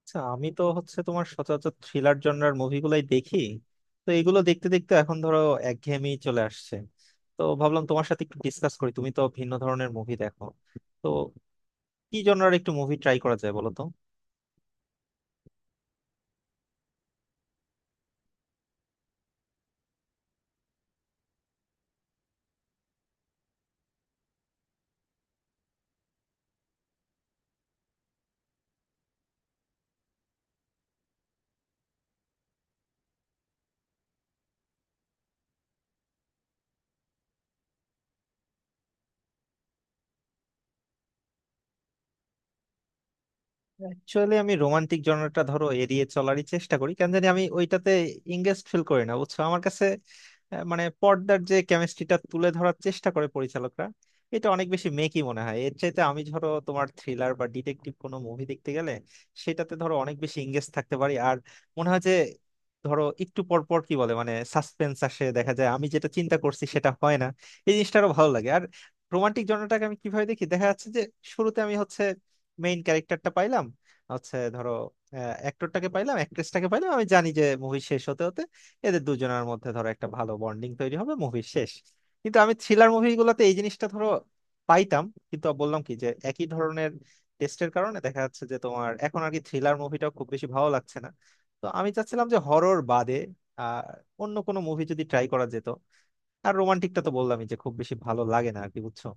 আচ্ছা, আমি তো হচ্ছে তোমার সচরাচর থ্রিলার জনরার মুভিগুলাই দেখি। তো এগুলো দেখতে দেখতে এখন ধরো একঘেয়েমি চলে আসছে। তো ভাবলাম তোমার সাথে একটু ডিসকাস করি, তুমি তো ভিন্ন ধরনের মুভি দেখো। তো কি জনরার একটু মুভি ট্রাই করা যায় বলো তো? অ্যাকচুয়ালি আমি রোমান্টিক জনরাটা ধরো এড়িয়ে চলারই চেষ্টা করি, কেন জানি আমি ওইটাতে ইংগেজ ফিল করি না, বুঝছো। আমার কাছে মানে পর্দার যে কেমিস্ট্রিটা তুলে ধরার চেষ্টা করে পরিচালকরা, এটা অনেক বেশি মেকি মনে হয়। এর চাইতে আমি ধরো তোমার থ্রিলার বা ডিটেকটিভ কোনো মুভি দেখতে গেলে সেটাতে ধরো অনেক বেশি এঙ্গেজ থাকতে পারি। আর মনে হয় যে ধরো একটু পর পর কি বলে মানে সাসপেন্স আসে, দেখা যায় আমি যেটা চিন্তা করছি সেটা হয় না, এই জিনিসটা আরো ভালো লাগে। আর রোমান্টিক জনরাটাকে আমি কিভাবে দেখি, দেখা যাচ্ছে যে শুরুতে আমি হচ্ছে মেইন ক্যারেক্টারটা পাইলাম, হচ্ছে ধরো অ্যাক্টরটাকে পাইলাম, অ্যাক্ট্রেসটাকে পাইলাম, আমি জানি যে মুভি শেষ হতে হতে এদের দুজনের মধ্যে ধরো একটা ভালো বন্ডিং তৈরি হবে, মুভি শেষ। কিন্তু আমি থ্রিলার মুভিগুলোতে এই জিনিসটা ধরো পাইতাম। কিন্তু বললাম কি, যে একই ধরনের টেস্টের কারণে দেখা যাচ্ছে যে তোমার এখন আর কি থ্রিলার মুভিটাও খুব বেশি ভালো লাগছে না। তো আমি চাচ্ছিলাম যে হরর বাদে আর অন্য কোনো মুভি যদি ট্রাই করা যেত। আর রোমান্টিকটা তো বললামই যে খুব বেশি ভালো লাগে না আর কি, বুঝছো।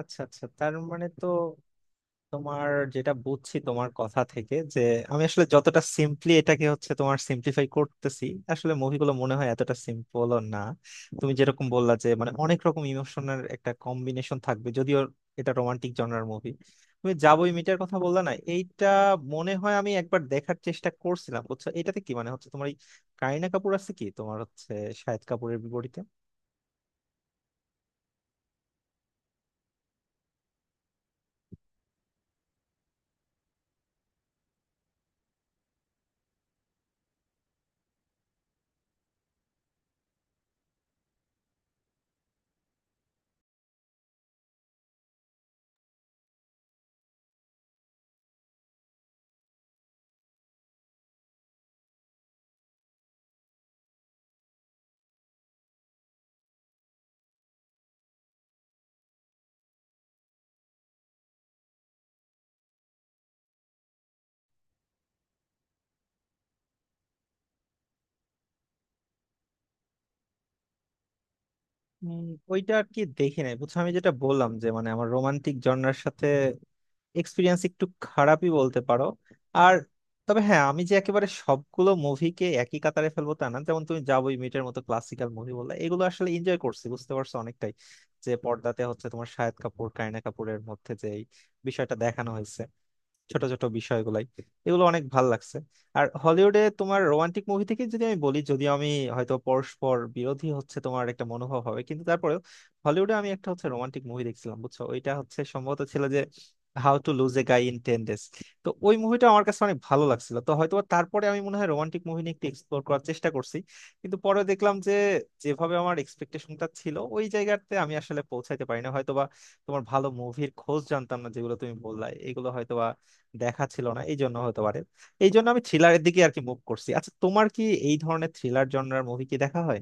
আচ্ছা আচ্ছা, তার মানে তো তোমার, যেটা বুঝছি তোমার কথা থেকে, যে আমি আসলে যতটা সিম্পলি এটাকে হচ্ছে তোমার সিম্পলিফাই করতেছি, আসলে মুভিগুলো মনে হয় এতটা সিম্পলও না। তুমি যেরকম বললা, যে মানে অনেক রকম ইমোশনের একটা কম্বিনেশন থাকবে যদিও এটা রোমান্টিক জনরার মুভি। তুমি যাবোই মিটার কথা বললা না, এইটা মনে হয় আমি একবার দেখার চেষ্টা করছিলাম, বুঝছো। এটাতে কি মানে হচ্ছে তোমার এই কারিনা কাপুর আছে কি, তোমার হচ্ছে শাহিদ কাপুরের বিপরীতে। উম, ওইটা আর কি দেখি নাই, বুঝছো। আমি যেটা বললাম যে মানে আমার রোমান্টিক জনরার সাথে এক্সপিরিয়েন্স একটু খারাপই বলতে পারো। আর তবে হ্যাঁ, আমি যে একেবারে সবগুলো মুভিকে একই কাতারে ফেলবো তা না। যেমন তুমি যা বই মিটের মতো ক্লাসিক্যাল মুভি বললে, এগুলো আসলে এনজয় করছি, বুঝতে পারছো অনেকটাই। যে পর্দাতে হচ্ছে তোমার শাহিদ কাপুর কারিনা কাপুরের মধ্যে যে এই বিষয়টা দেখানো হয়েছে, ছোট ছোট বিষয়গুলাই, এগুলো অনেক ভাল লাগছে। আর হলিউডে তোমার রোমান্টিক মুভি থেকে যদি আমি বলি, যদিও আমি হয়তো পরস্পর বিরোধী হচ্ছে তোমার একটা মনোভাব হবে, কিন্তু তারপরেও হলিউডে আমি একটা হচ্ছে রোমান্টিক মুভি দেখছিলাম, বুঝছো। ওইটা হচ্ছে সম্ভবত ছিল যে how to lose a guy in 10 days. তো ওই মুভিটা আমার কাছে অনেক ভালো লাগছিল, তো হয়তো বা তারপরে আমি মনে হয় রোমান্টিক মুভি নিয়ে একটু এক্সপ্লোর করার চেষ্টা করছি। কিন্তু পরে দেখলাম যে যেভাবে আমার এক্সপেকটেশনটা ছিল ওই জায়গাতে আমি আসলে পৌঁছাইতে পারি না হয়তোবা। তোমার ভালো মুভির খোঁজ জানতাম না, যেগুলো তুমি বললা এগুলো হয়তোবা দেখা ছিল না, এই জন্য হতে পারে। এই জন্য আমি থ্রিলারের দিকে আর কি মুভ করছি। আচ্ছা, তোমার কি এই ধরনের থ্রিলার জনরার মুভি কি দেখা হয়?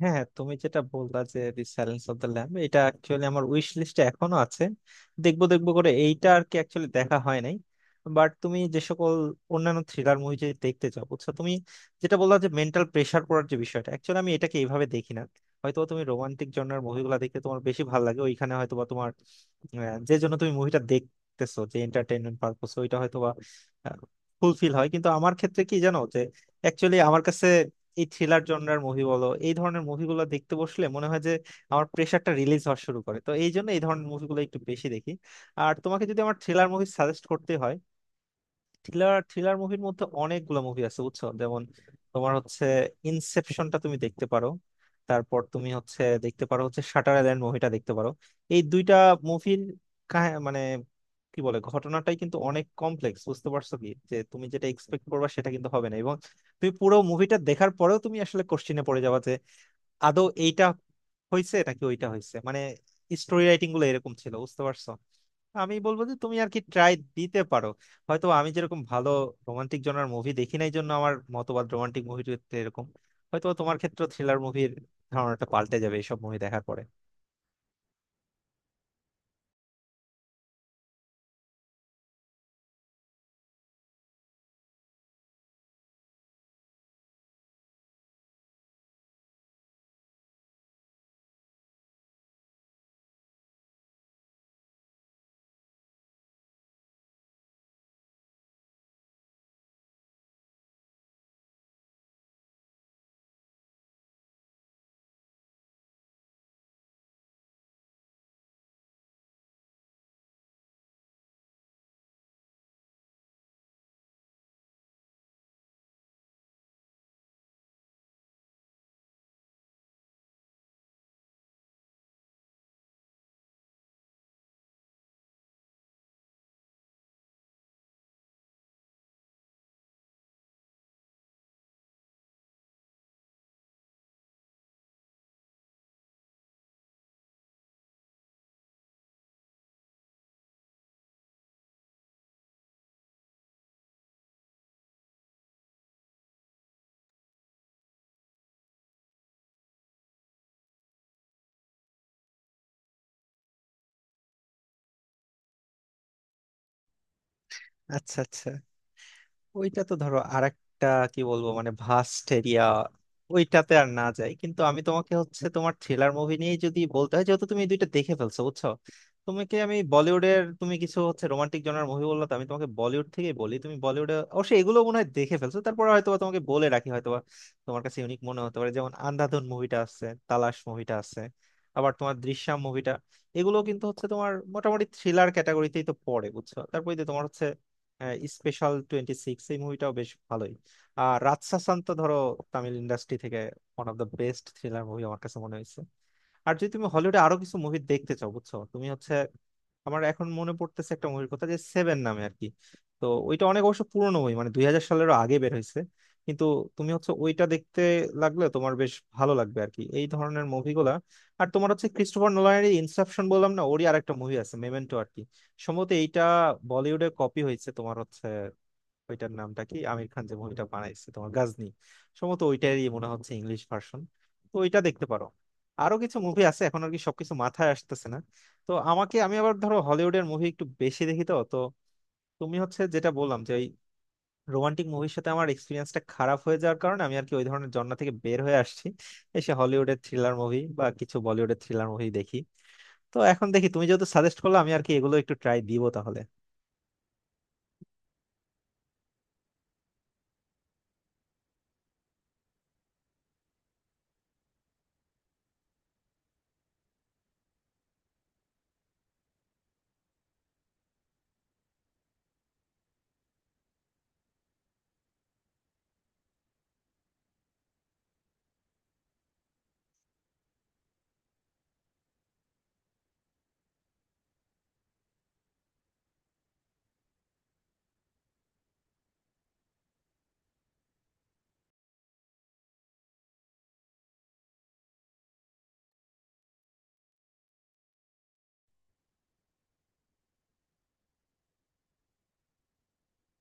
হ্যাঁ হ্যাঁ, তুমি যেটা বললা যে the silence of the lamb, এটা অ্যাকচুয়ালি আমার উইশ লিস্টে এখনো আছে। দেখবো দেখবো করে এইটা আর কি অ্যাকচুয়ালি দেখা হয় নাই। বাট তুমি যে সকল অন্যান্য থ্রিলার মুভি যদি দেখতে চাও, বুঝছো, তুমি যেটা বললা যে মেন্টাল প্রেসার পড়ার যে বিষয়টা, অ্যাকচুয়ালি আমি এটাকে এইভাবে দেখি না। হয়তো তুমি রোমান্টিক জনরার মুভিগুলো দেখতে তোমার বেশি ভালো লাগে, ওইখানে হয়তো বা তোমার আহ, যে জন্য তুমি মুভিটা দেখতেছো, যে এন্টারটেইনমেন্ট পারপোস, ওইটা হয়তো বা ফুলফিল হয়। কিন্তু আমার ক্ষেত্রে কি জানো, যে অ্যাকচুয়ালি আমার কাছে এই থ্রিলার জনরার মুভি বলো, এই ধরনের মুভিগুলো দেখতে বসলে মনে হয় যে আমার প্রেশারটা রিলিজ হওয়া শুরু করে। তো এই জন্য এই ধরনের মুভিগুলো একটু বেশি দেখি। আর তোমাকে যদি আমার থ্রিলার মুভি সাজেস্ট করতে হয়, থ্রিলার থ্রিলার মুভির মধ্যে অনেকগুলো মুভি আছে, বুঝছো। যেমন তোমার হচ্ছে ইনসেপশনটা তুমি দেখতে পারো। তারপর তুমি হচ্ছে দেখতে পারো হচ্ছে শাটার আইল্যান্ড মুভিটা দেখতে পারো। এই দুইটা মুভির মানে কি বলে, ঘটনাটাই কিন্তু অনেক কমপ্লেক্স, বুঝতে পারছো? কি যে তুমি যেটা এক্সপেক্ট করবা সেটা কিন্তু হবে না, এবং তুমি পুরো মুভিটা দেখার পরেও তুমি আসলে কোশ্চিনে পড়ে যাবা আদৌ এইটা হয়েছে নাকি ওইটা হয়েছে। মানে স্টোরি রাইটিং গুলো এরকম ছিল, বুঝতে পারছো? আমি বলবো যে তুমি আর কি ট্রাই দিতে পারো। হয়তো আমি যেরকম ভালো রোমান্টিক জনার মুভি দেখি নাই জন্য আমার মতবাদ রোমান্টিক মুভির ক্ষেত্রে এরকম, হয়তো তোমার ক্ষেত্রে থ্রিলার মুভির ধারণাটা পাল্টে যাবে এইসব মুভি দেখার পরে। আচ্ছা আচ্ছা, ওইটা তো ধরো আরেকটা কি বলবো মানে ভাস্ট এরিয়া, ওইটাতে আর না যাই। কিন্তু আমি তোমাকে হচ্ছে তোমার থ্রিলার মুভি নিয়ে যদি বলতে হয়, যেহেতু তুমি এই দুইটা দেখে ফেলছো, বুঝছো। তোমাকে আমি বলিউডের তুমি কিছু হচ্ছে রোমান্টিক জনার মুভি বললো, তো আমি তোমাকে বলিউড থেকেই বলি। তুমি বলিউডে অবশ্যই এগুলো মনে হয় দেখে ফেলছো, তারপর হয়তো বা তোমাকে বলে রাখি হয়তো বা তোমার কাছে ইউনিক মনে হতে পারে, যেমন আন্ধাধুন মুভিটা আছে, তালাশ মুভিটা আছে, আবার তোমার দৃশ্যম মুভিটা। এগুলো কিন্তু হচ্ছে তোমার মোটামুটি থ্রিলার ক্যাটাগরিতেই তো পড়ে, বুঝছো। তারপরে যে তোমার হচ্ছে স্পেশাল 26, এই মুভিটাও বেশ ভালোই। আর রাতসাসান তো ধরো তামিল ইন্ডাস্ট্রি থেকে one of the best thriller movie আমার কাছে মনে হয়েছে। আর যদি তুমি হলিউডে আরো কিছু মুভি দেখতে চাও, বুঝছো, তুমি হচ্ছে আমার এখন মনে পড়তেছে একটা মুভির কথা যে সেভেন নামে আর কি। তো ওইটা অনেক অবশ্য পুরনো মুভি, মানে 2000 সালেরও আগে বের হয়েছে। কিন্তু তুমি হচ্ছে ওইটা দেখতে লাগলে তোমার বেশ ভালো লাগবে আর কি, এই ধরনের মুভিগুলা। আর তোমার হচ্ছে ক্রিস্টোফার নোলানের ইনসেপশন বললাম না, ওরই আরেকটা মুভি আছে মেমেন্টো আর কি। সম্ভবত এইটা বলিউডে কপি হয়েছে, তোমার হচ্ছে ওইটার নামটা কি, আমির খান যে মুভিটা বানাইছে তোমার গাজনি, সম্ভবত ওইটারই মনে হচ্ছে ইংলিশ ভার্সন। তো ওইটা দেখতে পারো। আরো কিছু মুভি আছে এখন আর কি সবকিছু মাথায় আসতেছে না। তো আমাকে আমি আবার ধরো হলিউডের মুভি একটু বেশি দেখি, তো তো তুমি হচ্ছে যেটা বললাম যে ওই রোমান্টিক মুভির সাথে আমার এক্সপিরিয়েন্সটা খারাপ হয়ে যাওয়ার কারণে আমি আর কি ওই ধরনের জন্ম থেকে বের হয়ে আসছি, এসে হলিউডের থ্রিলার মুভি বা কিছু বলিউডের থ্রিলার মুভি দেখি। তো এখন দেখি, তুমি যেহেতু সাজেস্ট করলে, আমি আর কি এগুলো একটু ট্রাই দিব তাহলে।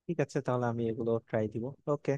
ঠিক আছে, তাহলে আমি এগুলো ট্রাই দিব। ওকে।